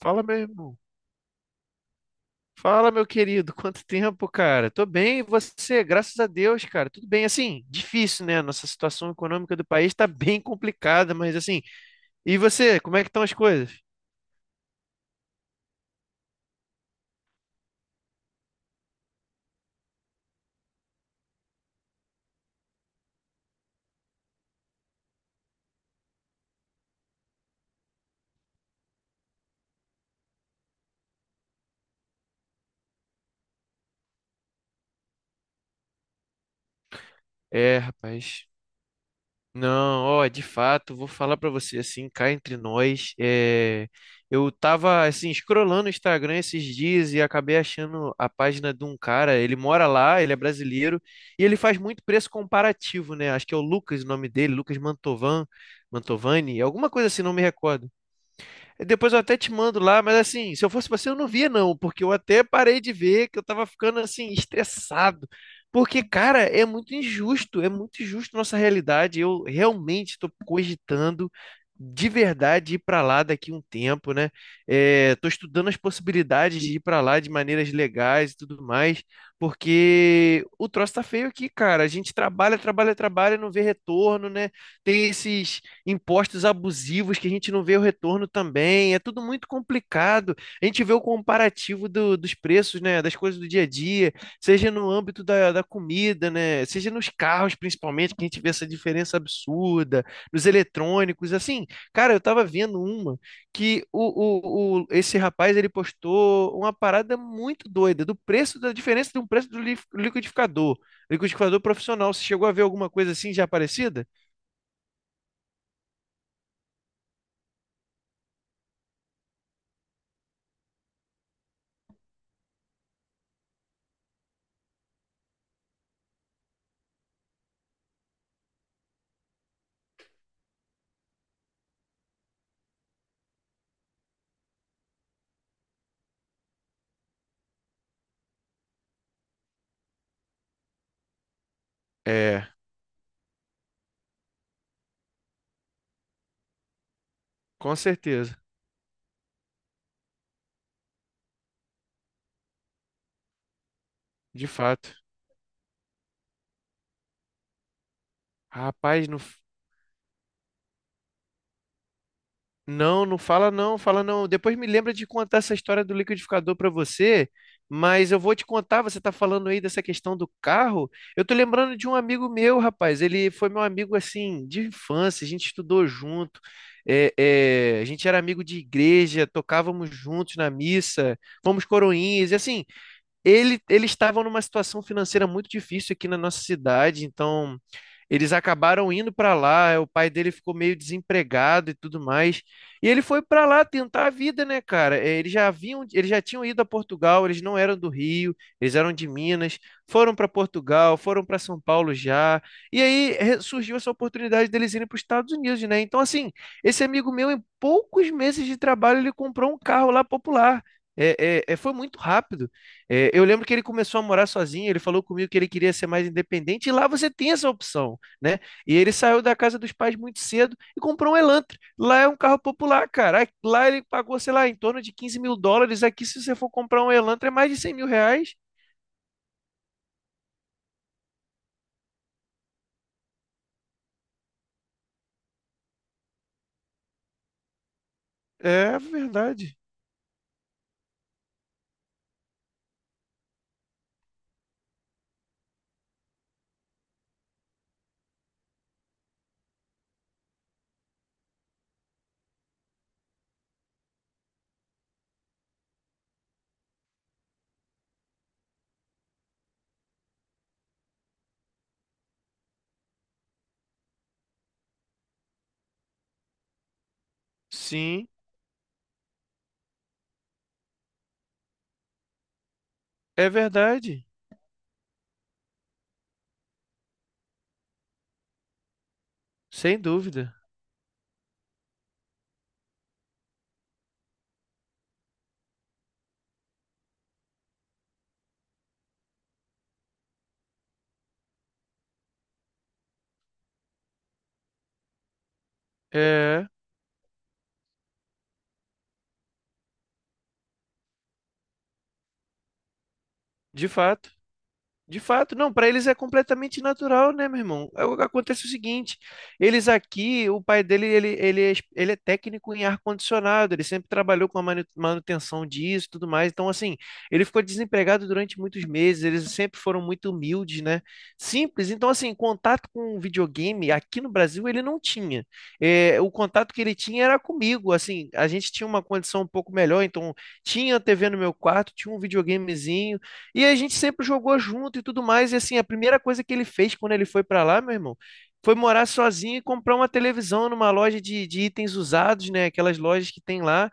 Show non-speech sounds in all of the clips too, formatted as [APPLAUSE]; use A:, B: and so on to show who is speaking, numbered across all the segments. A: Fala, meu irmão. Fala, meu querido. Quanto tempo, cara? Tô bem, e você? Graças a Deus, cara. Tudo bem. Assim, difícil, né? Nossa situação econômica do país tá bem complicada, mas assim. E você? Como é que estão as coisas? É, rapaz. Não, ó, de fato, vou falar pra você assim, cá entre nós, eu tava assim escrolando o Instagram esses dias e acabei achando a página de um cara, ele mora lá, ele é brasileiro e ele faz muito preço comparativo, né? Acho que é o Lucas, o nome dele, Mantovani, alguma coisa assim, não me recordo. Depois eu até te mando lá, mas assim, se eu fosse você, eu não via, não, porque eu até parei de ver que eu tava ficando assim, estressado. Porque, cara, é muito injusto nossa realidade. Eu realmente estou cogitando de verdade ir para lá daqui um tempo, né? Estou estudando as possibilidades de ir para lá de maneiras legais e tudo mais, porque o troço tá feio aqui, cara. A gente trabalha, trabalha, trabalha, e não vê retorno, né? Tem esses impostos abusivos que a gente não vê o retorno também. É tudo muito complicado. A gente vê o comparativo dos preços, né, das coisas do dia a dia, seja no âmbito da comida, né, seja nos carros, principalmente, que a gente vê essa diferença absurda, nos eletrônicos, assim. Cara, eu tava vendo uma que esse rapaz ele postou uma parada muito doida do preço, da diferença de um preço do liquidificador. Liquidificador profissional. Você chegou a ver alguma coisa assim já parecida? É, com certeza. De fato. Rapaz, não, não, não fala não, fala não. Depois me lembra de contar essa história do liquidificador para você, mas eu vou te contar, você tá falando aí dessa questão do carro. Eu tô lembrando de um amigo meu, rapaz. Ele foi meu amigo assim de infância, a gente estudou junto. A gente era amigo de igreja, tocávamos juntos na missa, fomos coroinhas, e assim, eles estavam numa situação financeira muito difícil aqui na nossa cidade, então eles acabaram indo para lá. O pai dele ficou meio desempregado e tudo mais. E ele foi para lá tentar a vida, né, cara? Eles já haviam, eles já tinham ido a Portugal, eles não eram do Rio, eles eram de Minas, foram para Portugal, foram para São Paulo já. E aí surgiu essa oportunidade deles irem para os Estados Unidos, né? Então, assim, esse amigo meu, em poucos meses de trabalho, ele comprou um carro lá popular. É, foi muito rápido. É, eu lembro que ele começou a morar sozinho, ele falou comigo que ele queria ser mais independente, e lá você tem essa opção, né? E ele saiu da casa dos pais muito cedo e comprou um Elantra. Lá é um carro popular, cara. Lá ele pagou, sei lá, em torno de 15 mil dólares. Aqui, se você for comprar um Elantra, é mais de 100 mil reais. É verdade. Sim, é verdade. Sem dúvida. É, de fato. De fato, não, para eles é completamente natural, né, meu irmão? Acontece o seguinte, eles aqui, o pai dele, ele é técnico em ar-condicionado, ele sempre trabalhou com a manutenção disso e tudo mais, então, assim, ele ficou desempregado durante muitos meses, eles sempre foram muito humildes, né? Simples, então, assim, contato com videogame aqui no Brasil ele não tinha. É, o contato que ele tinha era comigo, assim, a gente tinha uma condição um pouco melhor, então, tinha TV no meu quarto, tinha um videogamezinho, e a gente sempre jogou junto e tudo mais. E assim, a primeira coisa que ele fez quando ele foi para lá, meu irmão, foi morar sozinho e comprar uma televisão numa loja de itens usados, né? Aquelas lojas que tem lá.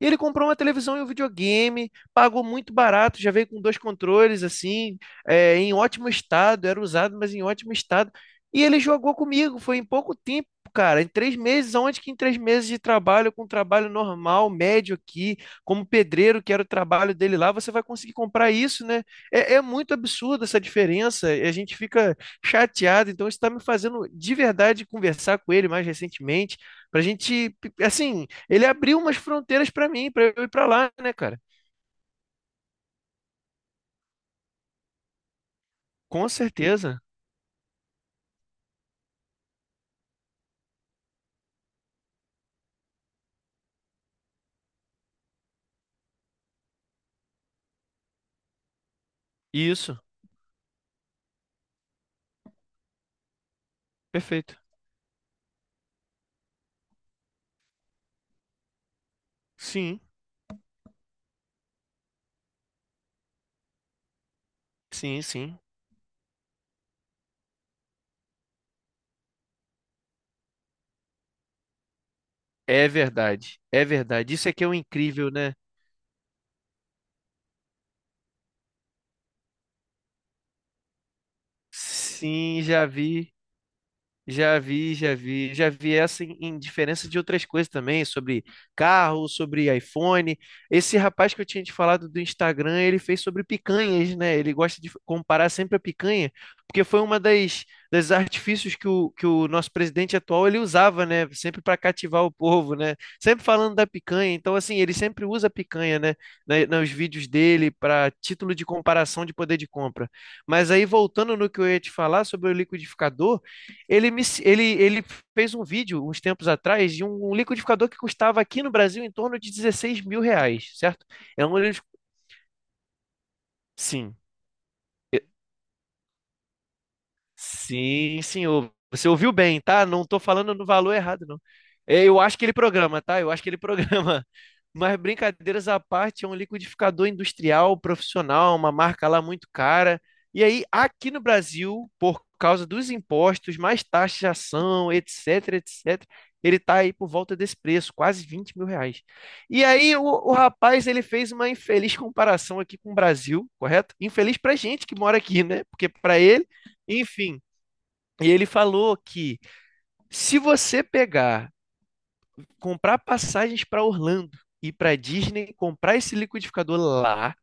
A: E ele comprou uma televisão e um videogame, pagou muito barato, já veio com dois controles, assim, em ótimo estado, era usado, mas em ótimo estado. E ele jogou comigo, foi em pouco tempo, cara, em três meses, onde que em três meses de trabalho, com um trabalho normal, médio aqui, como pedreiro, que era o trabalho dele lá, você vai conseguir comprar isso, né? É, é muito absurda essa diferença e a gente fica chateado. Então, isso está me fazendo de verdade conversar com ele mais recentemente, para a gente, assim, ele abriu umas fronteiras para mim, para eu ir para lá, né, cara? Com certeza. Isso, perfeito. Sim, sim, sim. É verdade, é verdade. Isso é que é o incrível, né? Sim, já vi. Já vi, já vi, já vi essa em diferença de outras coisas também, sobre carro, sobre iPhone. Esse rapaz que eu tinha te falado do Instagram, ele fez sobre picanhas, né? Ele gosta de comparar sempre a picanha, porque foi uma das, das artifícios que que o nosso presidente atual ele usava, né? Sempre para cativar o povo, né? Sempre falando da picanha. Então, assim, ele sempre usa a picanha, né? Nos vídeos dele, para título de comparação de poder de compra. Mas aí, voltando no que eu ia te falar sobre o liquidificador. Ele fez um vídeo uns tempos atrás de um liquidificador que custava aqui no Brasil em torno de R$ 16.000, certo? É um liquidificador. Sim. Sim, senhor. Você ouviu bem, tá? Não tô falando no valor errado, não. É, eu acho que ele programa, tá? Eu acho que ele programa. [LAUGHS] Mas brincadeiras à parte, é um liquidificador industrial, profissional, uma marca lá muito cara. E aí, aqui no Brasil, por causa dos impostos, mais taxação, etc, etc, ele tá aí por volta desse preço, quase R$ 20.000. E aí, o rapaz, ele fez uma infeliz comparação aqui com o Brasil, correto? Infeliz pra gente que mora aqui, né? Porque pra ele, enfim. E ele falou que se você pegar, comprar passagens para Orlando e para Disney, comprar esse liquidificador lá,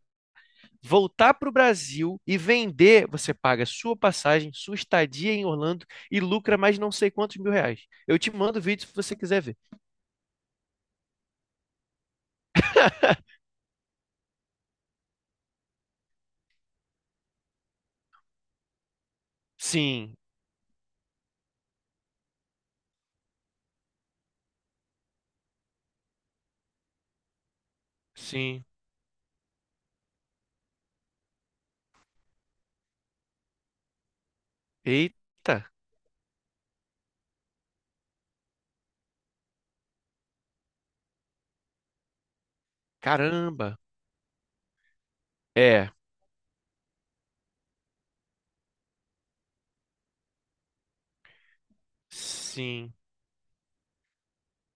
A: voltar para o Brasil e vender, você paga sua passagem, sua estadia em Orlando e lucra mais não sei quantos mil reais. Eu te mando o vídeo se você quiser ver. Sim, sim. Eita, caramba. É, sim.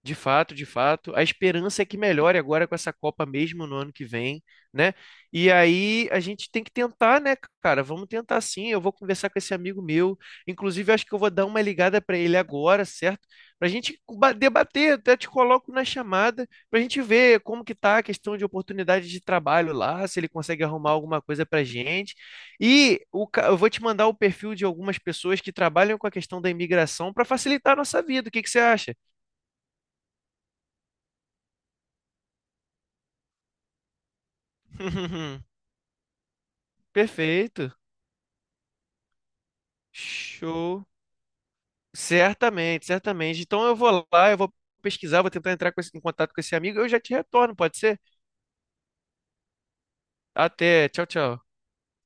A: De fato, de fato. A esperança é que melhore agora com essa Copa mesmo no ano que vem, né? E aí a gente tem que tentar, né, cara? Vamos tentar sim. Eu vou conversar com esse amigo meu. Inclusive, acho que eu vou dar uma ligada para ele agora, certo? Para a gente debater, até te coloco na chamada, para a gente ver como que tá a questão de oportunidade de trabalho lá, se ele consegue arrumar alguma coisa para gente. E o eu vou te mandar o perfil de algumas pessoas que trabalham com a questão da imigração para facilitar a nossa vida. O que que você acha? [LAUGHS] Perfeito. Show. Certamente, certamente. Então eu vou lá, eu vou pesquisar, vou tentar entrar com em contato com esse amigo. Eu já te retorno, pode ser? Até. Tchau, tchau.